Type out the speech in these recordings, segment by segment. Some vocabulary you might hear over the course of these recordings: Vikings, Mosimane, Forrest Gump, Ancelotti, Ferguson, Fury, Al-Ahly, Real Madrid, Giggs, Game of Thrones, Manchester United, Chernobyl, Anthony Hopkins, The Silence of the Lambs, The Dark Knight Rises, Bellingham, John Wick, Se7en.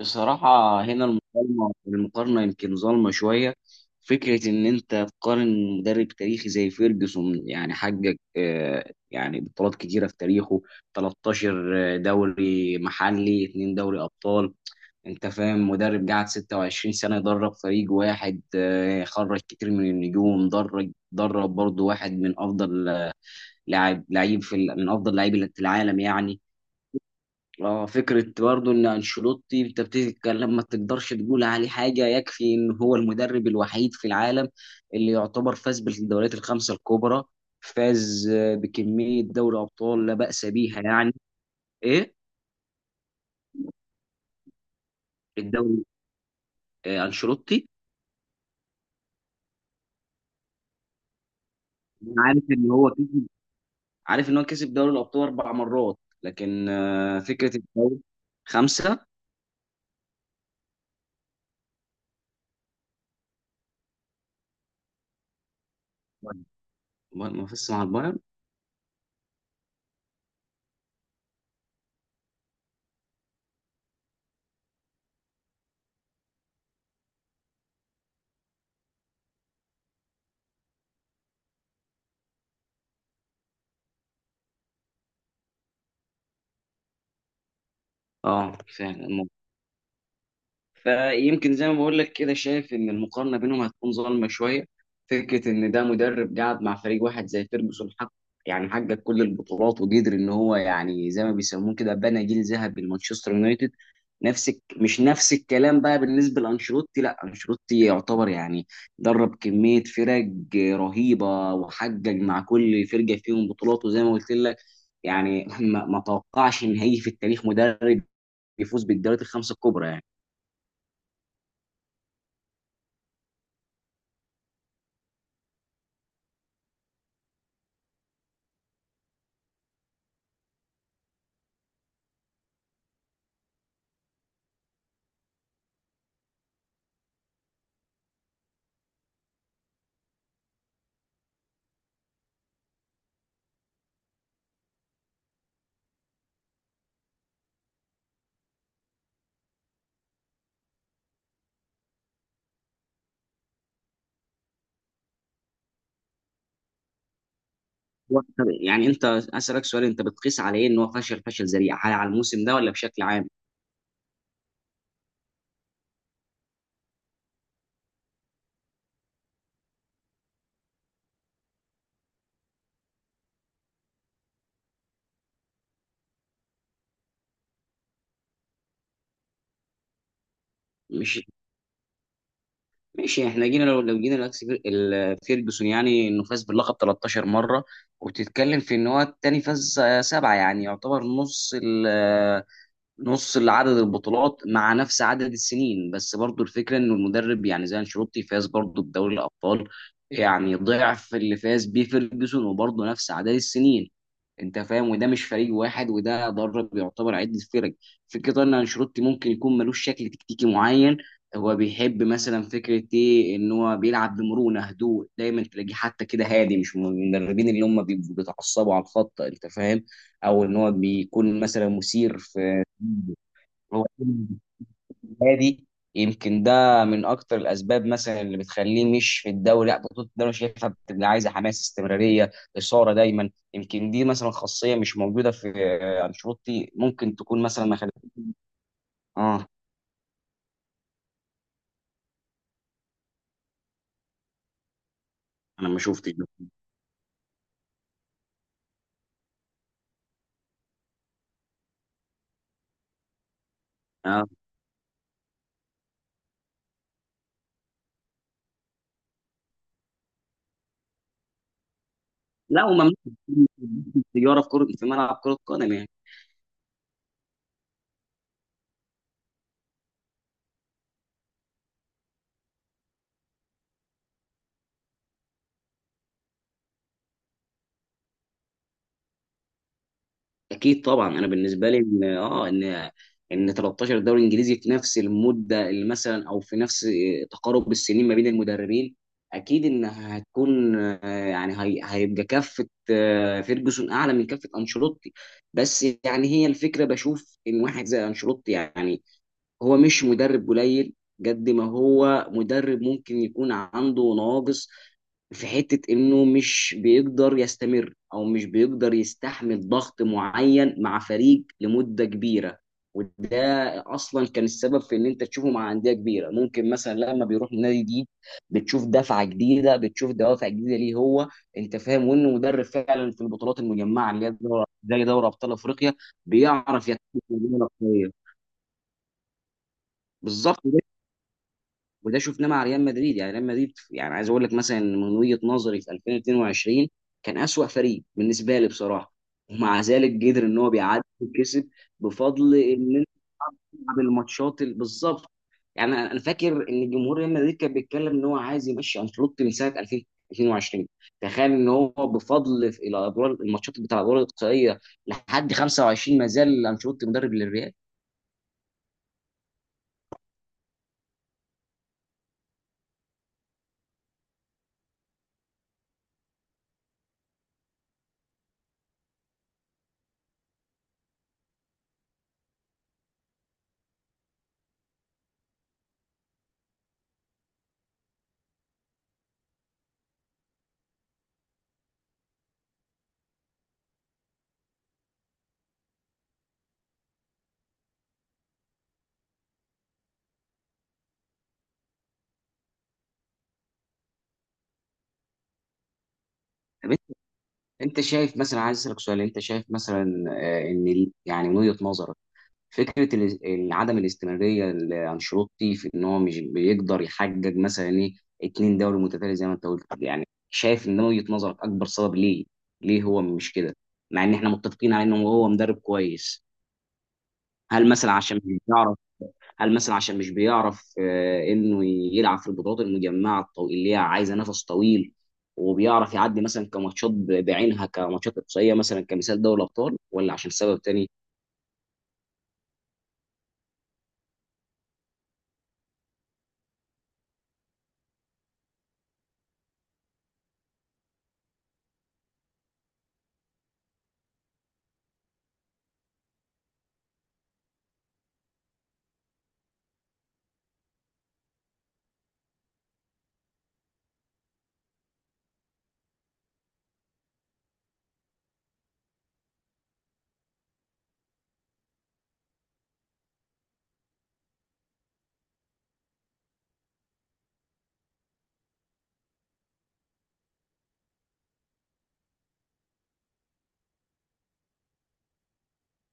بصراحة هنا المقارنة يمكن ظالمة شوية. فكرة إن أنت تقارن مدرب تاريخي زي فيرجسون، يعني حقق يعني بطولات كتيرة في تاريخه، 13 دوري محلي، 2 دوري أبطال. أنت فاهم؟ مدرب قعد 26 سنة يدرب فريق واحد، خرج كتير من النجوم، درب برضه واحد من أفضل لاعب لعيب في ال- من أفضل لعيبة العالم يعني. اه، فكرة برضو ان انشيلوتي انت بتتكلم، ما تقدرش تقول عليه حاجة. يكفي ان هو المدرب الوحيد في العالم اللي يعتبر فاز بالدوريات الخمسة الكبرى، فاز بكمية دوري ابطال لا بأس بيها يعني. ايه، الدوري، انشيلوتي. أنا عارف ان هو كسب دوري الابطال 4 مرات. لكن فكرة الدوري، 5. ما فزش مع البايرن. اه فعلا. فيمكن زي ما بقول لك كده، شايف ان المقارنه بينهم هتكون ظالمه شويه. فكره ان ده مدرب قاعد مع فريق واحد زي فيرجسون حق، يعني حقق كل البطولات وقدر ان هو يعني زي ما بيسموه كده بنى جيل ذهبي لمانشستر يونايتد. مش نفس الكلام بقى بالنسبه لانشيلوتي. لا، انشيلوتي يعتبر يعني درب كميه فرق رهيبه وحقق مع كل فرقه فيهم بطولات، وزي ما قلت لك يعني ما توقعش ان هيجي في التاريخ مدرب يفوز بالدوريات الخمسه الكبرى يعني. هو يعني انت اسالك سؤال، انت بتقيس على ايه ان هو فشل فشل ذريع؟ هل على الموسم ده ولا بشكل عام؟ مش ماشي. احنا جينا، لو جينا فيرجسون، يعني انه فاز باللقب 13 مره، وبتتكلم في ان هو التاني فاز 7، يعني يعتبر نص عدد البطولات مع نفس عدد السنين. بس برضو الفكره ان المدرب يعني زي انشيلوتي فاز برضو بدوري الابطال يعني ضعف اللي فاز بيه فيرجسون، وبرضو نفس عدد السنين. انت فاهم؟ وده مش فريق واحد، وده درب يعتبر عده فرق. فكره ان انشيلوتي ممكن يكون ملوش شكل تكتيكي معين. هو بيحب مثلا فكره ايه؟ ان هو بيلعب بمرونه، هدوء، دايما تلاقيه حتى كده هادي، مش من المدربين اللي هم بيبقوا بيتعصبوا على الخط. انت فاهم؟ او ان هو بيكون مثلا مثير. هو هادي. يمكن ده من اكتر الاسباب مثلا اللي بتخليه مش في الدوري، لا بطوله الدوري شايفها بتبقى عايزه حماس، استمراريه، اثاره دايما. يمكن دي مثلا خاصيه مش موجوده في انشيلوتي، ممكن تكون مثلا ما خدت. اه انا ما شفتش ده. آه. لا، وممنوع تجاره في كره، في ملعب كره قدم. اكيد طبعا. انا بالنسبه لي ان اه ان 13 دوري انجليزي في نفس المده اللي مثلا او في نفس تقارب السنين ما بين المدربين، اكيد ان هتكون هيبقى كفه فيرجسون اعلى من كفه انشيلوتي. بس يعني هي الفكره بشوف ان واحد زي انشيلوتي يعني هو مش مدرب قليل. قد ما هو مدرب ممكن يكون عنده نواقص في حتة انه مش بيقدر يستمر، او مش بيقدر يستحمل ضغط معين مع فريق لمدة كبيرة، وده اصلا كان السبب في ان انت تشوفه مع انديه كبيره. ممكن مثلا لما بيروح نادي جديد، بتشوف دفعه جديده، بتشوف دوافع جديده ليه هو. انت فاهم؟ وانه مدرب فعلا في البطولات المجمعه اللي هي دوري زي دوري ابطال افريقيا بيعرف يتحكم في الأندية الأقوية. بالظبط. وده شفناه مع ريال مدريد. يعني ريال مدريد يعني عايز اقول لك مثلا إن من وجهة نظري في 2022 كان أسوأ فريق بالنسبة لي بصراحة، ومع ذلك قدر ان هو بيعدي وكسب. بفضل ان انت تلعب الماتشات بالظبط. يعني انا فاكر ان جمهور ريال مدريد كان بيتكلم ان هو عايز يمشي انشيلوتي من سنة 2022. تخيل ان هو بفضل في الادوار الماتشات بتاع الادوار الاقصائية لحد 25 ما زال انشيلوتي مدرب للريال. انت شايف مثلا؟ عايز اسالك سؤال، انت شايف مثلا ان يعني من وجهه نظرك فكره عدم الاستمراريه لانشيلوتي في ان هو مش بيقدر يحقق مثلا ايه 2 دوري متتالي زي ما انت قلت؟ يعني شايف ان من وجهه نظرك اكبر سبب ليه؟ ليه هو مش كده مع ان احنا متفقين على انه هو مدرب كويس؟ هل مثلا عشان مش بيعرف هل مثلا عشان مش بيعرف انه يلعب في البطولات المجمعه اللي هي عايزه نفس طويل، وبيعرف يعدي مثلا كماتشات بعينها، كماتشات اقصائيه مثلا كمثال دوري الابطال؟ ولا عشان سبب تاني؟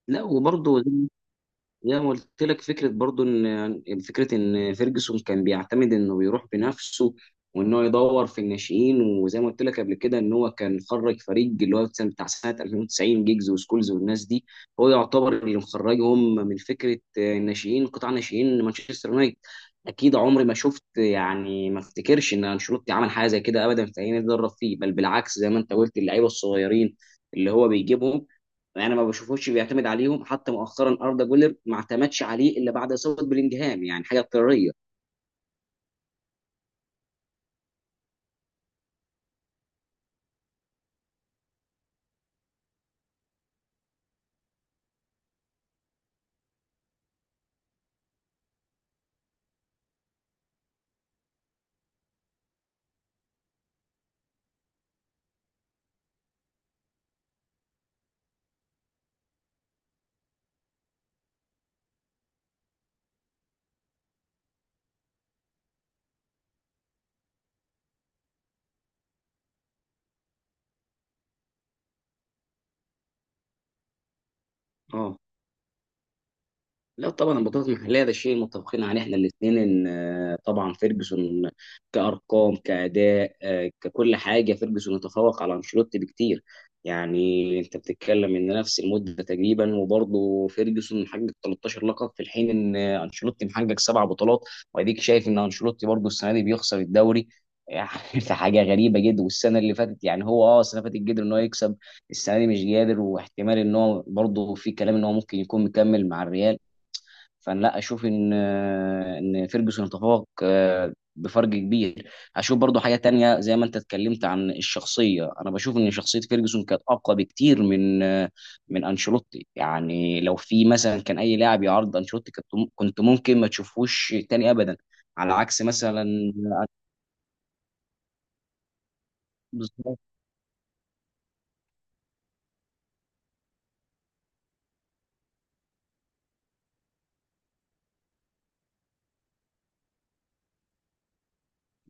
لا وبرضه، زي ما قلت لك فكره برضو ان يعني فكره ان فيرجسون كان بيعتمد انه بيروح بنفسه وان هو يدور في الناشئين. وزي ما قلت لك قبل كده ان هو كان خرج فريق اللي هو بتاع سنه 2090، جيجز وسكولز والناس دي. هو يعتبر اللي مخرجهم من فكره الناشئين، قطاع ناشئين مانشستر يونايتد. اكيد عمري ما شفت يعني، ما افتكرش ان انشيلوتي عمل حاجه زي كده ابدا في اي نادي درب فيه. بل بالعكس زي ما انت قلت اللعيبه الصغيرين اللي هو بيجيبهم، يعني ما بشوفوش بيعتمد عليهم. حتى مؤخرا اردا جولر ما اعتمدش عليه الا بعد اصابه بلينجهام، يعني حاجه اضطراريه. اه لا، طبعا البطولات المحليه ده شيء متفقين عليه احنا الاثنين. ان طبعا فيرجسون كارقام، كاداء، ككل حاجه، فيرجسون يتفوق على انشيلوتي بكتير. يعني انت بتتكلم ان نفس المده تقريبا وبرضه فيرجسون محقق 13 لقب في الحين ان انشيلوتي محقق 7 بطولات، واديك شايف ان انشيلوتي برضه السنه دي بيخسر الدوري. يعني حاجه غريبه جدا. والسنه اللي فاتت يعني هو اه السنه اللي فاتت قدر ان هو يكسب. السنه دي مش قادر، واحتمال ان هو برضه في كلام ان هو ممكن يكون مكمل مع الريال. فانا لا اشوف ان فيرجسون تفوق بفرق كبير. اشوف برضو حاجه تانية زي ما انت اتكلمت عن الشخصيه. انا بشوف ان شخصيه فيرجسون كانت اقوى بكتير من من انشيلوتي. يعني لو في مثلا كان اي لاعب يعرض انشيلوتي، كنت ممكن ما تشوفوش تاني ابدا، على عكس مثلا. بالظبط.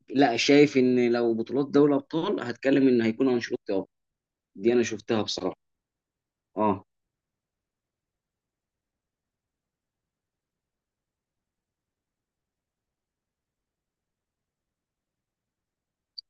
لا شايف ان لو بطولات دوري ابطال هتكلم ان هيكون انشيلوتي افضل. دي انا شفتها بصراحه. اه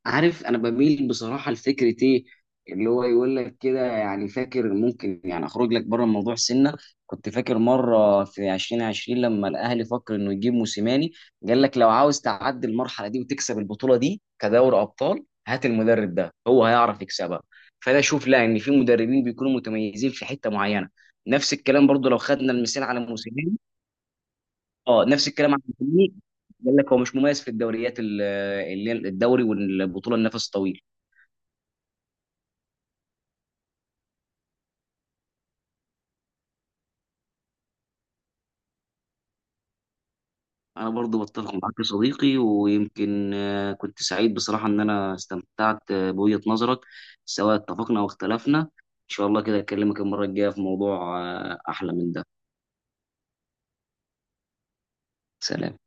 عارف انا بميل بصراحه لفكره ايه؟ اللي هو يقول لك كده، يعني فاكر ممكن يعني اخرج لك بره الموضوع سنه. كنت فاكر مره في 2020 لما الاهلي فكر انه يجيب موسيماني، قال لك لو عاوز تعدي المرحله دي وتكسب البطوله دي كدوري ابطال هات المدرب ده، هو هيعرف يكسبها. فانا اشوف لا، ان في مدربين بيكونوا متميزين في حته معينه. نفس الكلام برضو لو خدنا المثال على موسيماني. اه، نفس الكلام على موسيماني. قال لك هو مش مميز في الدوريات اللي هي الدوري والبطوله النفس الطويل. انا برضو بتفق معاك يا صديقي. ويمكن كنت سعيد بصراحة ان انا استمتعت بوجهة نظرك، سواء اتفقنا او اختلفنا. ان شاء الله كده اكلمك المرة الجاية في موضوع احلى من ده. سلام.